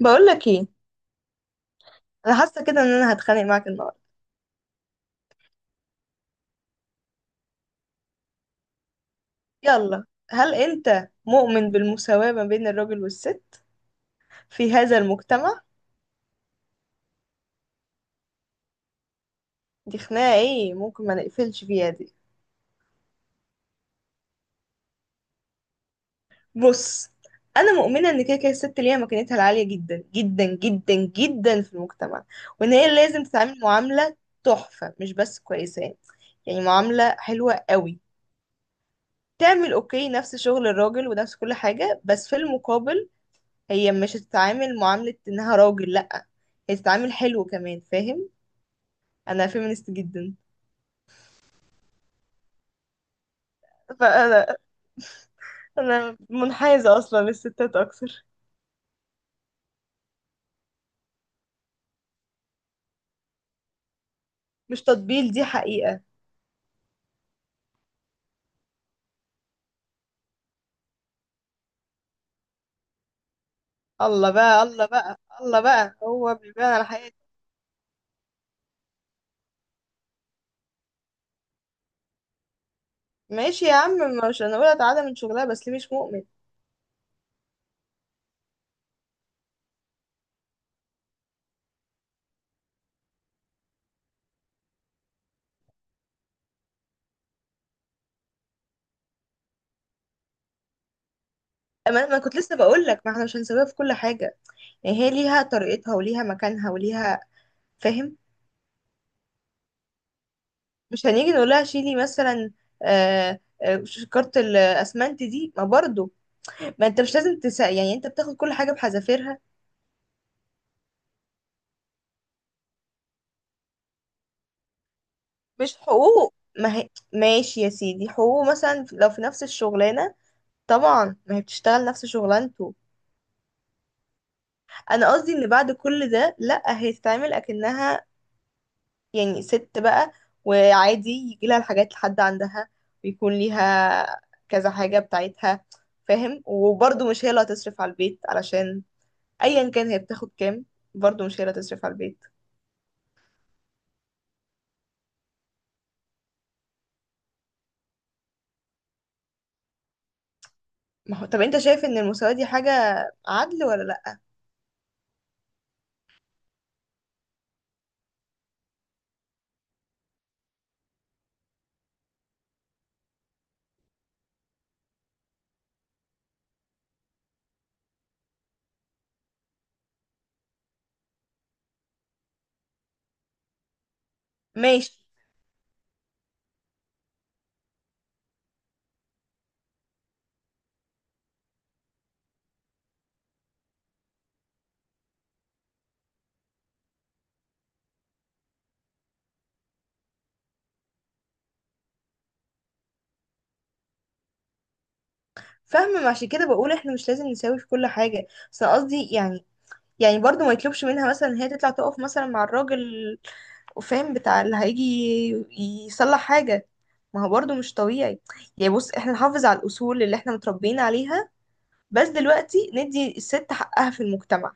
بقول لك ايه. انا حاسه كده ان انا هتخانق معاك النهارده. يلا. هل انت مؤمن بالمساواه ما بين الراجل والست في هذا المجتمع؟ دي خناقه ايه، ممكن ما نقفلش فيها دي؟ بص. انا مؤمنه ان كده كده الست ليها مكانتها العاليه جدا جدا جدا جدا في المجتمع، وان هي لازم تتعامل معامله تحفه، مش بس كويسه، يعني معامله حلوه قوي. تعمل اوكي نفس شغل الراجل ونفس كل حاجه، بس في المقابل هي مش هتتعامل معاملة انها راجل، لأ. هي تتعامل حلو كمان، فاهم؟ انا فيمينست جدا. فانا انا منحازة اصلا للستات اكتر. مش تطبيل، دي حقيقة. الله بقى، الله بقى، الله بقى، هو بيبان على حياتي. ماشي يا عم. مش انا اقول تعالى من شغلها، بس ليه مش مؤمن؟ اما انا كنت لسه بقول لك ما احنا مش هنسويها في كل حاجة، يعني هي ليها طريقتها وليها مكانها وليها. فاهم؟ مش هنيجي نقول لها شيلي مثلا. آه، آه، كارت الاسمنت دي ما برضو. ما انت مش لازم يعني انت بتاخد كل حاجة بحذافيرها. مش حقوق، ما هي ماشي يا سيدي، حقوقه مثلا لو في نفس الشغلانة طبعا ما هي بتشتغل نفس شغلانته. انا قصدي ان بعد كل ده لا، هي تتعامل اكنها يعني ست بقى، وعادي يجي لها الحاجات لحد عندها، ويكون ليها كذا حاجة بتاعتها. فاهم؟ وبرضه مش هي اللي هتصرف على البيت، علشان ايا كان هي بتاخد كام، برضه مش هي اللي هتصرف على البيت. ما هو طب انت شايف ان المساواة دي حاجة عدل ولا لا؟ ماشي. فاهمة، ما عشان كده بقول احنا مش لازم نساوي في كل حاجة. بس أنا قصدي يعني، يعني برضو ما يطلبش منها مثلا ان هي تطلع تقف مثلا مع الراجل، فاهم؟ بتاع اللي هيجي يصلح حاجة. ما هو برضو مش طبيعي. يعني بص، احنا نحافظ على الأصول اللي احنا متربيين عليها، بس دلوقتي ندي الست حقها في المجتمع.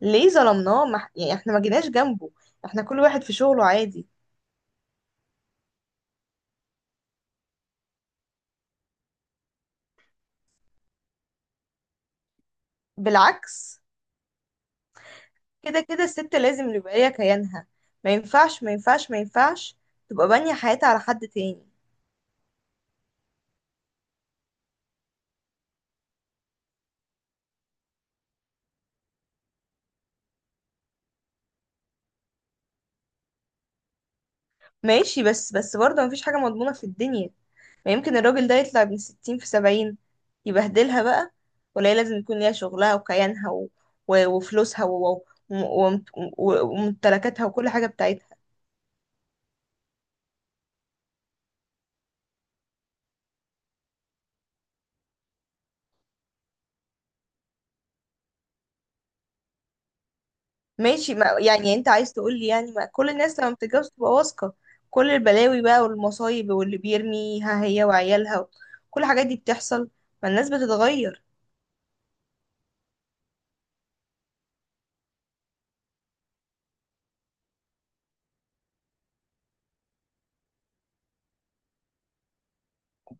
ليه ظلمناه؟ ما... ح- يعني احنا ما جيناش جنبه، احنا كل واحد في شغله عادي. بالعكس. كده كده الست لازم يبقى ليها كيانها. ما ينفعش، ما ينفعش، ما ينفعش تبقى بانية حياتها على حد تاني. ماشي. بس برضه مفيش حاجة مضمونة في الدنيا. ما يمكن الراجل ده يطلع من 60 في 70 يبهدلها بقى. ولا هي لازم يكون ليها شغلها وكيانها، و... و... وفلوسها و... و... وم- وممتلكاتها وكل حاجة بتاعتها. ماشي. ما... يعني انت عايز تقول لي يعني ما كل الناس لما بتتجوز تبقى واثقة؟ كل البلاوي بقى والمصايب واللي بيرميها هي وعيالها، كل الحاجات دي بتحصل. ما الناس بتتغير.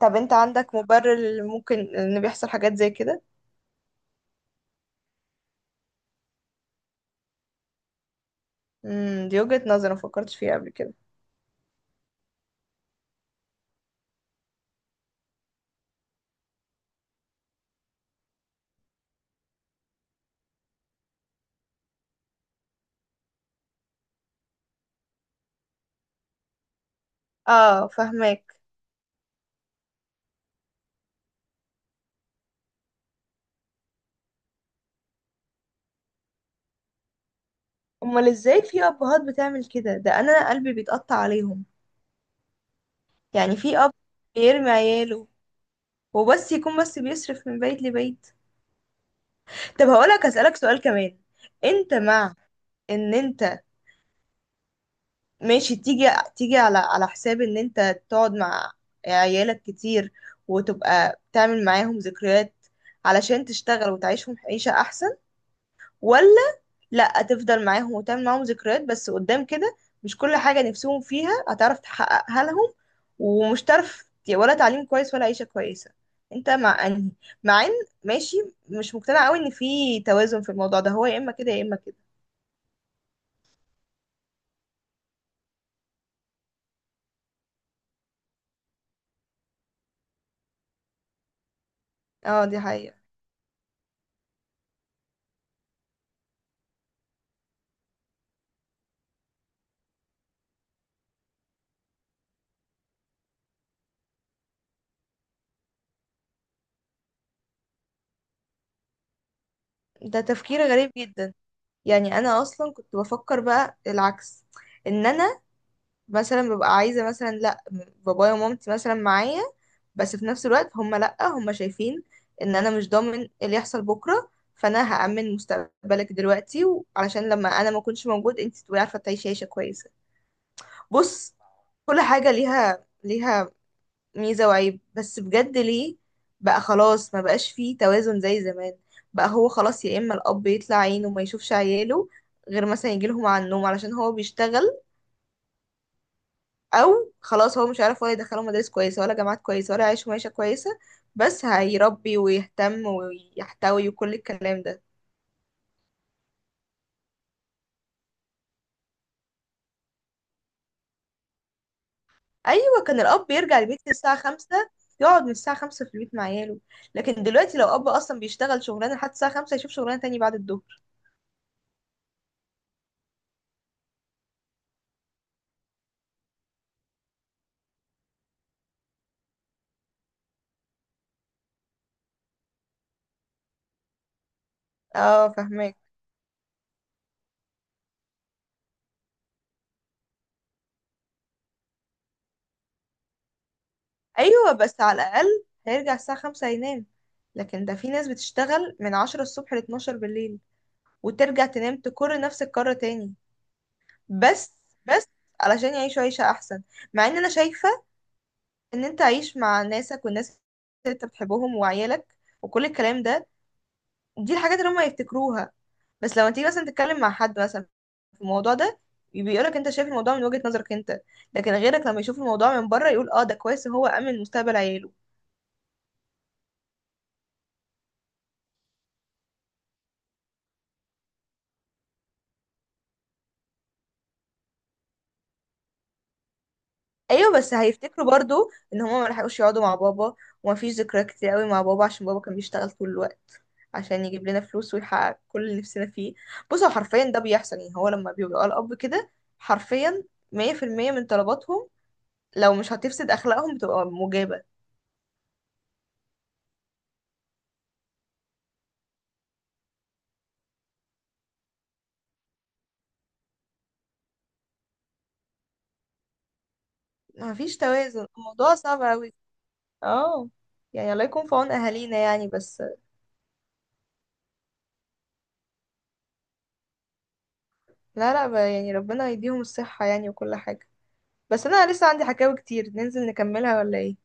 طب انت عندك مبرر اللي ممكن ان بيحصل حاجات زي كده؟ دي وجهة نظر ما فكرتش فيها قبل كده. اه، فهماك. امال ازاي في ابهات بتعمل كده؟ ده انا قلبي بيتقطع عليهم. يعني في اب بيرمي عياله، وبس يكون بس بيصرف من بيت لبيت؟ طب هقولك اسالك سؤال كمان. انت مع ان انت ماشي تيجي، تيجي على حساب ان انت تقعد مع عيالك كتير وتبقى تعمل معاهم ذكريات، علشان تشتغل وتعيشهم عيشة احسن؟ ولا لا، تفضل معاهم وتعمل معاهم ذكريات بس قدام كده مش كل حاجة نفسهم فيها هتعرف تحققها لهم، ومش تعرف ولا تعليم كويس ولا عيشة كويسة؟ انت مع انهي؟ مع ان ماشي، مش مقتنعة قوي ان في توازن في الموضوع ده، هو يا اما كده يا اما كده. اه، دي حقيقة. ده تفكير غريب جدا. يعني انا اصلا كنت بفكر بقى العكس. ان انا مثلا ببقى عايزة مثلا لا، بابايا ومامتي مثلا معايا، بس في نفس الوقت هم لأ، هم شايفين ان انا مش ضامن اللي يحصل بكرة، فانا هأمن مستقبلك دلوقتي علشان لما انا ما اكونش موجود انت تبقي عارفة تعيشي عيشة كويسة. بص، كل حاجة ليها ميزة وعيب، بس بجد ليه بقى خلاص ما بقاش فيه توازن زي زمان؟ بقى هو خلاص يا اما الاب يطلع عينه وما يشوفش عياله غير مثلا يجيلهم على النوم علشان هو بيشتغل، او خلاص هو مش عارف ولا يدخله مدارس كويسه ولا جامعات كويسه ولا يعيشه معيشه كويسه، بس هيربي ويهتم ويحتوي وكل الكلام ده. ايوه، كان الاب يرجع البيت الساعه 5، يقعد من الساعه 5 في البيت مع عياله. لكن دلوقتي لو اب اصلا بيشتغل شغلانه لحد الساعه 5 يشوف شغلانه تاني بعد الظهر. اه، فهماك. ايوه، بس على الاقل هيرجع الساعه 5 ينام، لكن ده في ناس بتشتغل من 10 الصبح لاتناشر بالليل وترجع تنام تكر نفس الكرة تاني. بس بس علشان يعيشوا عيشة أحسن، مع إن أنا شايفة إن أنت عايش مع ناسك والناس اللي أنت بتحبهم وعيالك وكل الكلام ده، دي الحاجات اللي هما يفتكروها. بس لما تيجي مثلا تتكلم مع حد مثلا في الموضوع ده، بيقولك أنت شايف الموضوع من وجهة نظرك أنت، لكن غيرك لما يشوف الموضوع من بره يقول اه ده كويس إن هو أمن مستقبل عياله. ايوه، بس هيفتكروا برضو ان هما ما لحقوش يقعدوا مع بابا، ومفيش ذكريات كتير قوي مع بابا، عشان بابا كان بيشتغل طول الوقت عشان يجيب لنا فلوس ويحقق كل اللي نفسنا فيه. بص، هو حرفيا ده بيحصل، يعني هو لما بيبقى الاب كده حرفيا 100% من طلباتهم لو مش هتفسد اخلاقهم بتبقى مجابة. مفيش توازن، الموضوع صعب قوي. اه، يعني الله يكون في عون اهالينا يعني. بس لا لا، يعني ربنا يديهم الصحة يعني وكل حاجة. بس انا لسه عندي حكاوي كتير، ننزل نكملها ولا ايه؟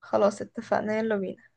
خلاص اتفقنا، يلا بينا.